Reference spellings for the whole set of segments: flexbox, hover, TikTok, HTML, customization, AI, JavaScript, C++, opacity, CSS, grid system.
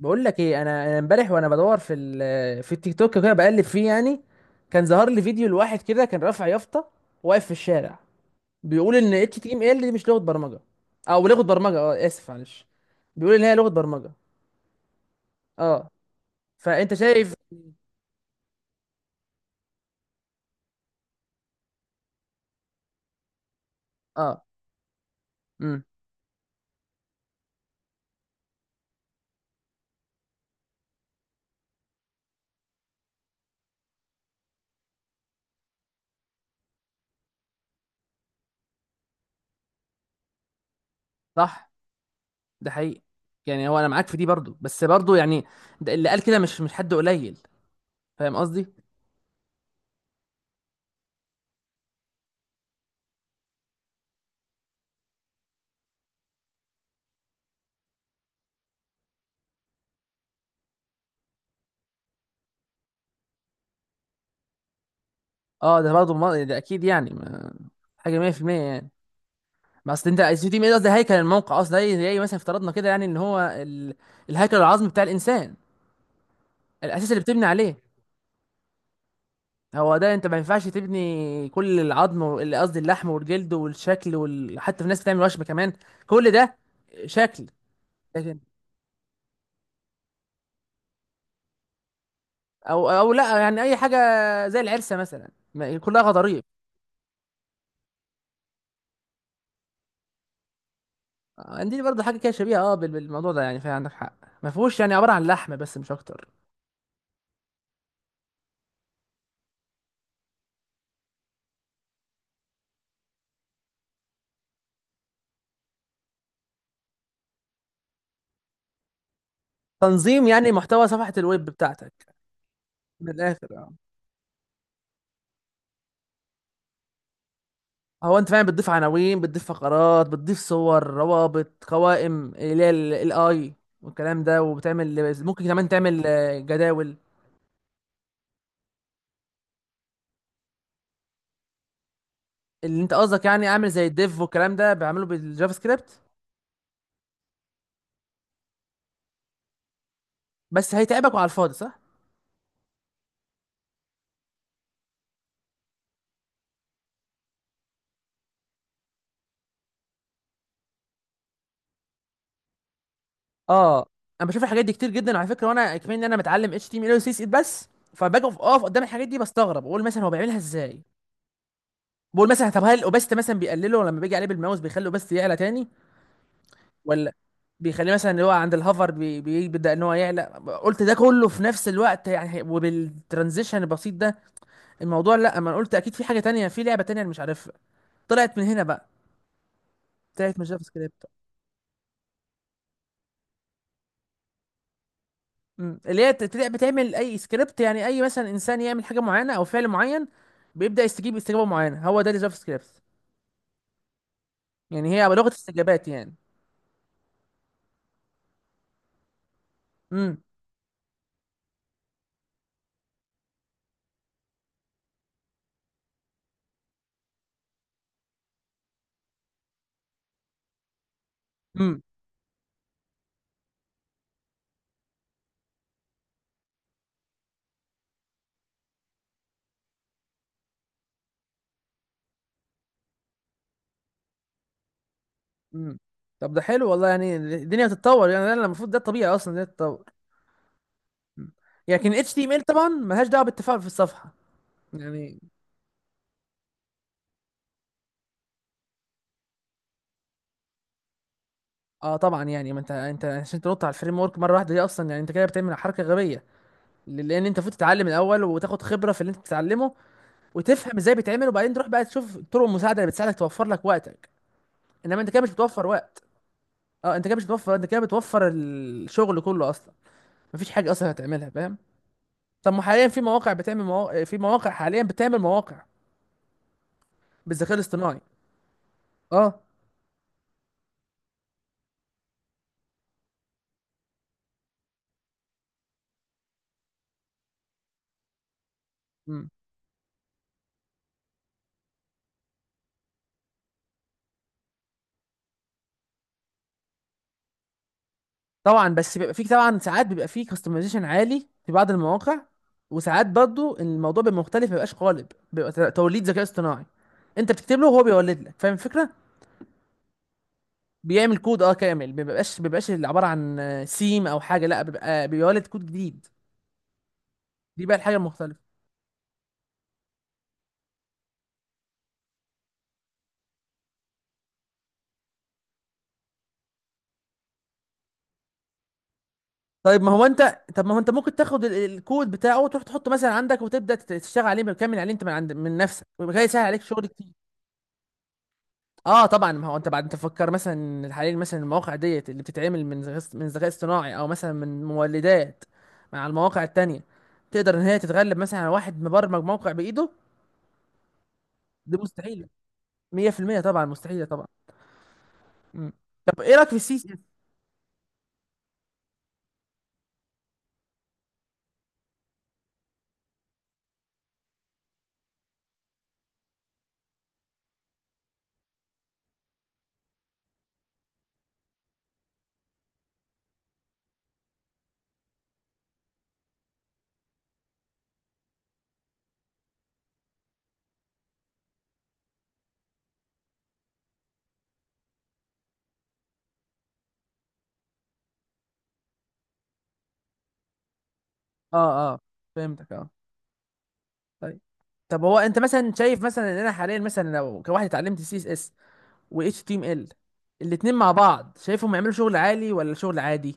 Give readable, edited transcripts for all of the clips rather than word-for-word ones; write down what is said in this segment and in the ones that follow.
بقول لك ايه، انا امبارح وانا بدور في التيك توك كده بقلب فيه يعني. كان ظهر لي فيديو لواحد كده كان رافع يافطه، واقف في الشارع، بيقول ان اتش تي ام ال دي مش لغه برمجه. او لغه برمجه، اسف معلش، بيقول ان هي لغه برمجه. اه، فانت شايف. اه. امم. صح، ده حقيقي، يعني هو انا معاك في دي برضو، بس برضو يعني ده اللي قال كده مش حد قليل، فاهم قصدي. اه، ده برضو ده اكيد يعني حاجه 100% يعني. ما اصل انت السي تي ام ايه، قصدي هيكل الموقع اصلا، زي مثلا افترضنا كده يعني ان هو ال... الهيكل العظمي بتاع الانسان، الاساس اللي بتبني عليه. هو ده، انت ما ينفعش تبني كل العظم قصدي اللحم والجلد والشكل وال... حتى في ناس بتعمل وشم كمان، كل ده شكل. لكن او لا، يعني اي حاجه، زي العرسه مثلا، كلها غضاريف. عندي برضه حاجه كده شبيهه، بالموضوع ده يعني، فعندك حق، ما فيهوش يعني، عباره عن لحم بس مش اكتر. تنظيم يعني محتوى صفحه الويب بتاعتك. من الاخر آه. هو انت فعلا بتضيف عناوين، بتضيف فقرات، بتضيف صور، روابط، قوائم اللي هي الاي والكلام ده، وبتعمل ممكن كمان تعمل جداول. اللي انت قصدك يعني اعمل زي الديف والكلام ده بيعمله بالجافا سكريبت. بس هيتعبك وعلى الفاضي، صح. اه، انا بشوف الحاجات دي كتير جدا على فكره، وانا كمان ان انا متعلم اتش تي ام ال وسي اس اس، بس فباجي اقف قدام الحاجات دي بستغرب، بقول مثلا هو بيعملها ازاي. بقول مثلا طب هل الاوباسيتي مثلا بيقلله، لما بيجي عليه بالماوس بيخلي الاوباسيتي يعلى تاني، ولا بيخليه مثلا اللي هو عند الهوفر بيبدأ ان هو يعلى، قلت ده كله في نفس الوقت يعني، وبالترانزيشن البسيط ده الموضوع. لا، اما أنا قلت اكيد في حاجة تانية، في لعبة تانية انا مش عارفها، طلعت من هنا بقى، طلعت من جافا سكريبت. أمم. اللي هي تبدأ بتعمل اي سكريبت، يعني اي مثلا انسان يعمل حاجة معينة او فعل معين، بيبدأ يستجيب استجابة معينة، هو ده الجافا سكريبت. يعني هي لغة استجابات يعني. امم. امم. امم. طب ده حلو والله، يعني الدنيا بتتطور، يعني ده المفروض، ده الطبيعي اصلا ده تتطور. لكن ال HTML طبعا ملهاش دعوه بالتفاعل في الصفحه. يعني اه طبعا، يعني ما انت عشان تنط على الفريم ورك مره واحده دي اصلا، يعني انت كده بتعمل حركه غبيه. لان انت المفروض تتعلم الاول وتاخد خبره في اللي انت بتتعلمه، وتفهم ازاي بيتعمل، وبعدين تروح بقى تشوف طرق المساعده اللي بتساعدك توفر لك وقتك. انما انت كده مش بتوفر وقت. اه، انت كده مش بتوفر، انت كده بتوفر الشغل كله اصلا، مفيش حاجه اصلا هتعملها، فاهم. طب ما حاليا في مواقع بتعمل مواقع، في مواقع حاليا بتعمل مواقع بالذكاء الاصطناعي. اه طبعا. بس بيبقى فيك طبعا ساعات بيبقى فيه كاستمايزيشن عالي في بعض المواقع، وساعات برضو الموضوع بيبقى مختلف، ما بيبقاش قالب، بيبقى توليد ذكاء اصطناعي. انت بتكتب له وهو بيولد لك، فاهم الفكره. بيعمل كود كامل، ما بيبقاش اللي عباره عن سيم او حاجه، لا، بيبقى بيولد كود جديد، دي بقى الحاجه المختلفه. ما هو انت ممكن تاخد الكود بتاعه وتروح تحطه مثلا عندك، وتبدا تشتغل عليه بكامل عليه انت من نفسك، ويبقى كده يسهل عليك شغل كتير. اه طبعا، ما هو انت بعد انت تفكر مثلا حاليا، مثلا المواقع ديت اللي بتتعمل من ذكاء، اصطناعي، او مثلا من مولدات مع المواقع التانية، تقدر ان هي تتغلب مثلا على واحد مبرمج موقع بايده. دي مستحيله، 100% طبعا مستحيله طبعا. مم. طب ايه رايك في السي اس. اه، اه، فهمتك. اه، طيب. طب هو انت مثلا شايف مثلا ان انا حاليا مثلا لو كواحد اتعلمت سي اس اس و اتش تي ام ال، الاتنين مع بعض، شايفهم يعملوا شغل عالي ولا شغل عادي.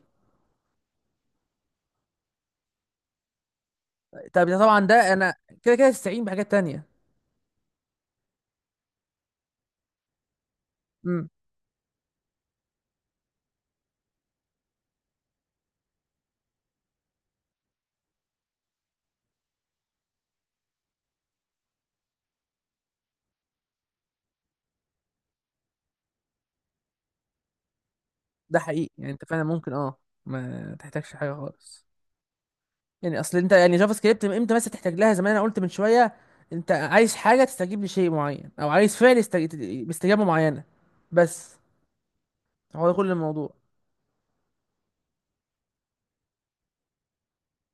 طب ده طبعا ده انا كده كده استعين بحاجات تانية. ده حقيقي، يعني انت فعلا ممكن ما تحتاجش حاجه خالص. يعني اصل انت يعني، جافا سكريبت من امتى بس تحتاج لها، زي ما انا قلت من شويه، انت عايز حاجه تستجيب لشيء معين، او عايز فعل يستج... باستجابه معينه. بس هو ده كل الموضوع.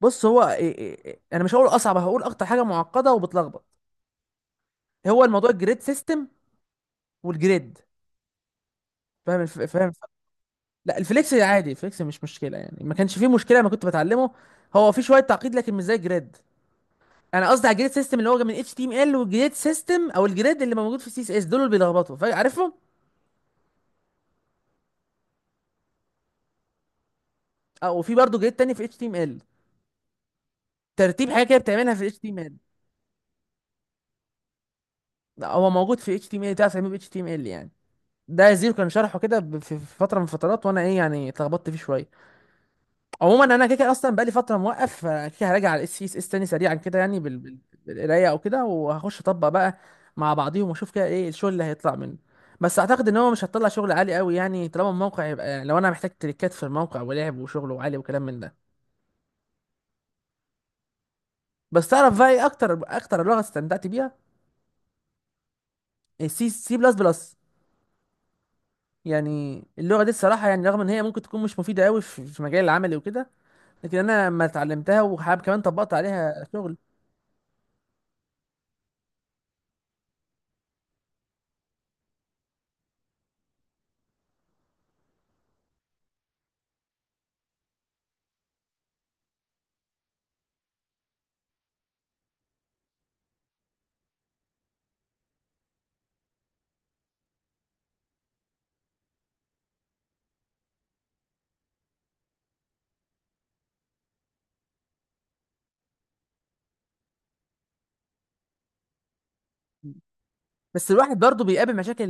بص هو إيه إيه إيه، انا مش هقول اصعب، هقول اكتر حاجه معقده وبتلخبط هو الموضوع الجريد سيستم والجريد. فاهم الف... فاهم الف- لا، الفليكس عادي، الفليكس مش مشكله، يعني ما كانش فيه مشكله ما كنت بتعلمه. هو في شويه تعقيد لكن مش زي الجريد. انا قصدي على الجريد سيستم اللي هو من اتش تي ام ال، والجريد سيستم او الجريد اللي موجود في سي اس اس، دول اللي بيلخبطوا فعارفهم. اه، وفي برضه جريد تاني في اتش تي ام ال، ترتيب حاجه كده بتعملها في اتش تي ام ال، هو موجود في اتش تي ام ال، تعرف تعمله في اتش تي ام ال يعني. ده زيرو كان شرحه كده في فتره من الفترات، وانا يعني اتلخبطت فيه شويه. عموما انا كده كده اصلا بقالي فتره موقف، فكده كده هراجع على الاس اس اس تاني سريعا كده، يعني بالقرايه او كده، وهخش اطبق بقى مع بعضيهم واشوف كده ايه الشغل اللي هيطلع منه. بس اعتقد ان هو مش هتطلع شغل عالي قوي يعني، طالما الموقع يبقى، لو انا محتاج تريكات في الموقع ولعب وشغل وعالي وكلام من ده. بس تعرف بقى ايه اكتر اكتر لغه استمتعت بيها. السي بلس بلس. يعني اللغه دي الصراحه يعني، رغم ان هي ممكن تكون مش مفيده قوي في مجال العملي وكده، لكن انا لما اتعلمتها وحاب كمان طبقت عليها شغل. بس الواحد برضه بيقابل مشاكل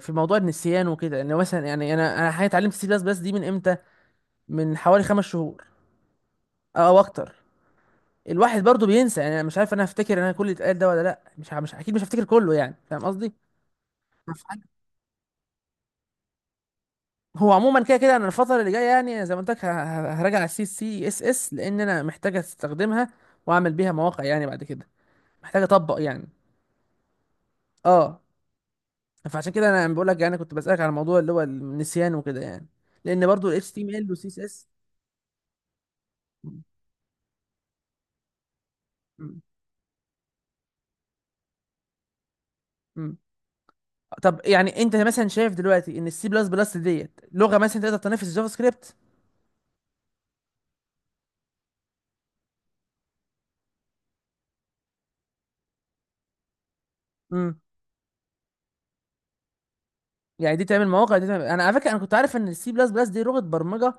في موضوع النسيان وكده يعني، مثلا يعني انا حاليا اتعلمت سي بلس بلس دي من امتى، من حوالي 5 شهور او اكتر. الواحد برضه بينسى، يعني انا مش عارف انا هفتكر انا كل اللي اتقال ده ولا لا، مش مش اكيد مش هفتكر كله يعني، فاهم قصدي. هفعل- هو عموما كده كده انا الفتره اللي جايه يعني، زي ما قلت لك، هراجع على السي اس اس لان انا محتاج استخدمها واعمل بيها مواقع يعني بعد كده، محتاج اطبق يعني. اه، فعشان كده انا بقول لك يعني كنت بسالك على الموضوع اللي هو النسيان وكده يعني، لان برضه ال HTML وال CSS. مم. مم. طب يعني انت مثلا شايف دلوقتي ان السي بلس بلس ديت لغه مثلا تقدر تنافس الجافا سكريبت. امم. يعني دي تعمل مواقع، انا على فكره انا كنت عارف ان السي بلس بلس دي لغه برمجه،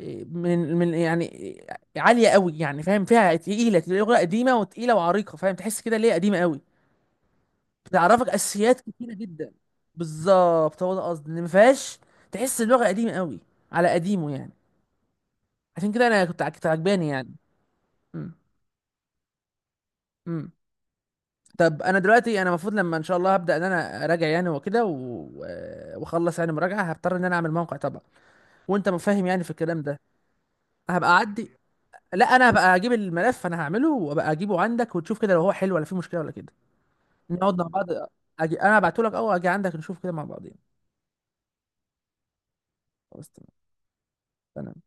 إيه، من يعني إيه، عاليه قوي يعني، فاهم فيها تقيله، لغه قديمه وتقيله وعريقه، فاهم تحس كده ليه قديمه قوي، بتعرفك اساسيات كتيره جدا. بالظبط، هو ده قصدي ان ما فيهاش، تحس اللغه قديمه قوي، على قديمه يعني، عشان كده انا كنت عجباني يعني. امم. امم. طب انا دلوقتي انا المفروض لما ان شاء الله هبدا ان انا اراجع يعني واخلص يعني مراجعه، هضطر ان انا اعمل موقع طبعا، وانت مفهم يعني في الكلام ده. هبقى اعدي. لا، انا هبقى اجيب الملف، انا هعمله وابقى اجيبه عندك وتشوف كده لو هو حلو ولا فيه مشكله ولا كده، نقعد مع بعض. انا هبعته لك او اجي عندك نشوف كده مع بعضين. خلاص تمام. تمام.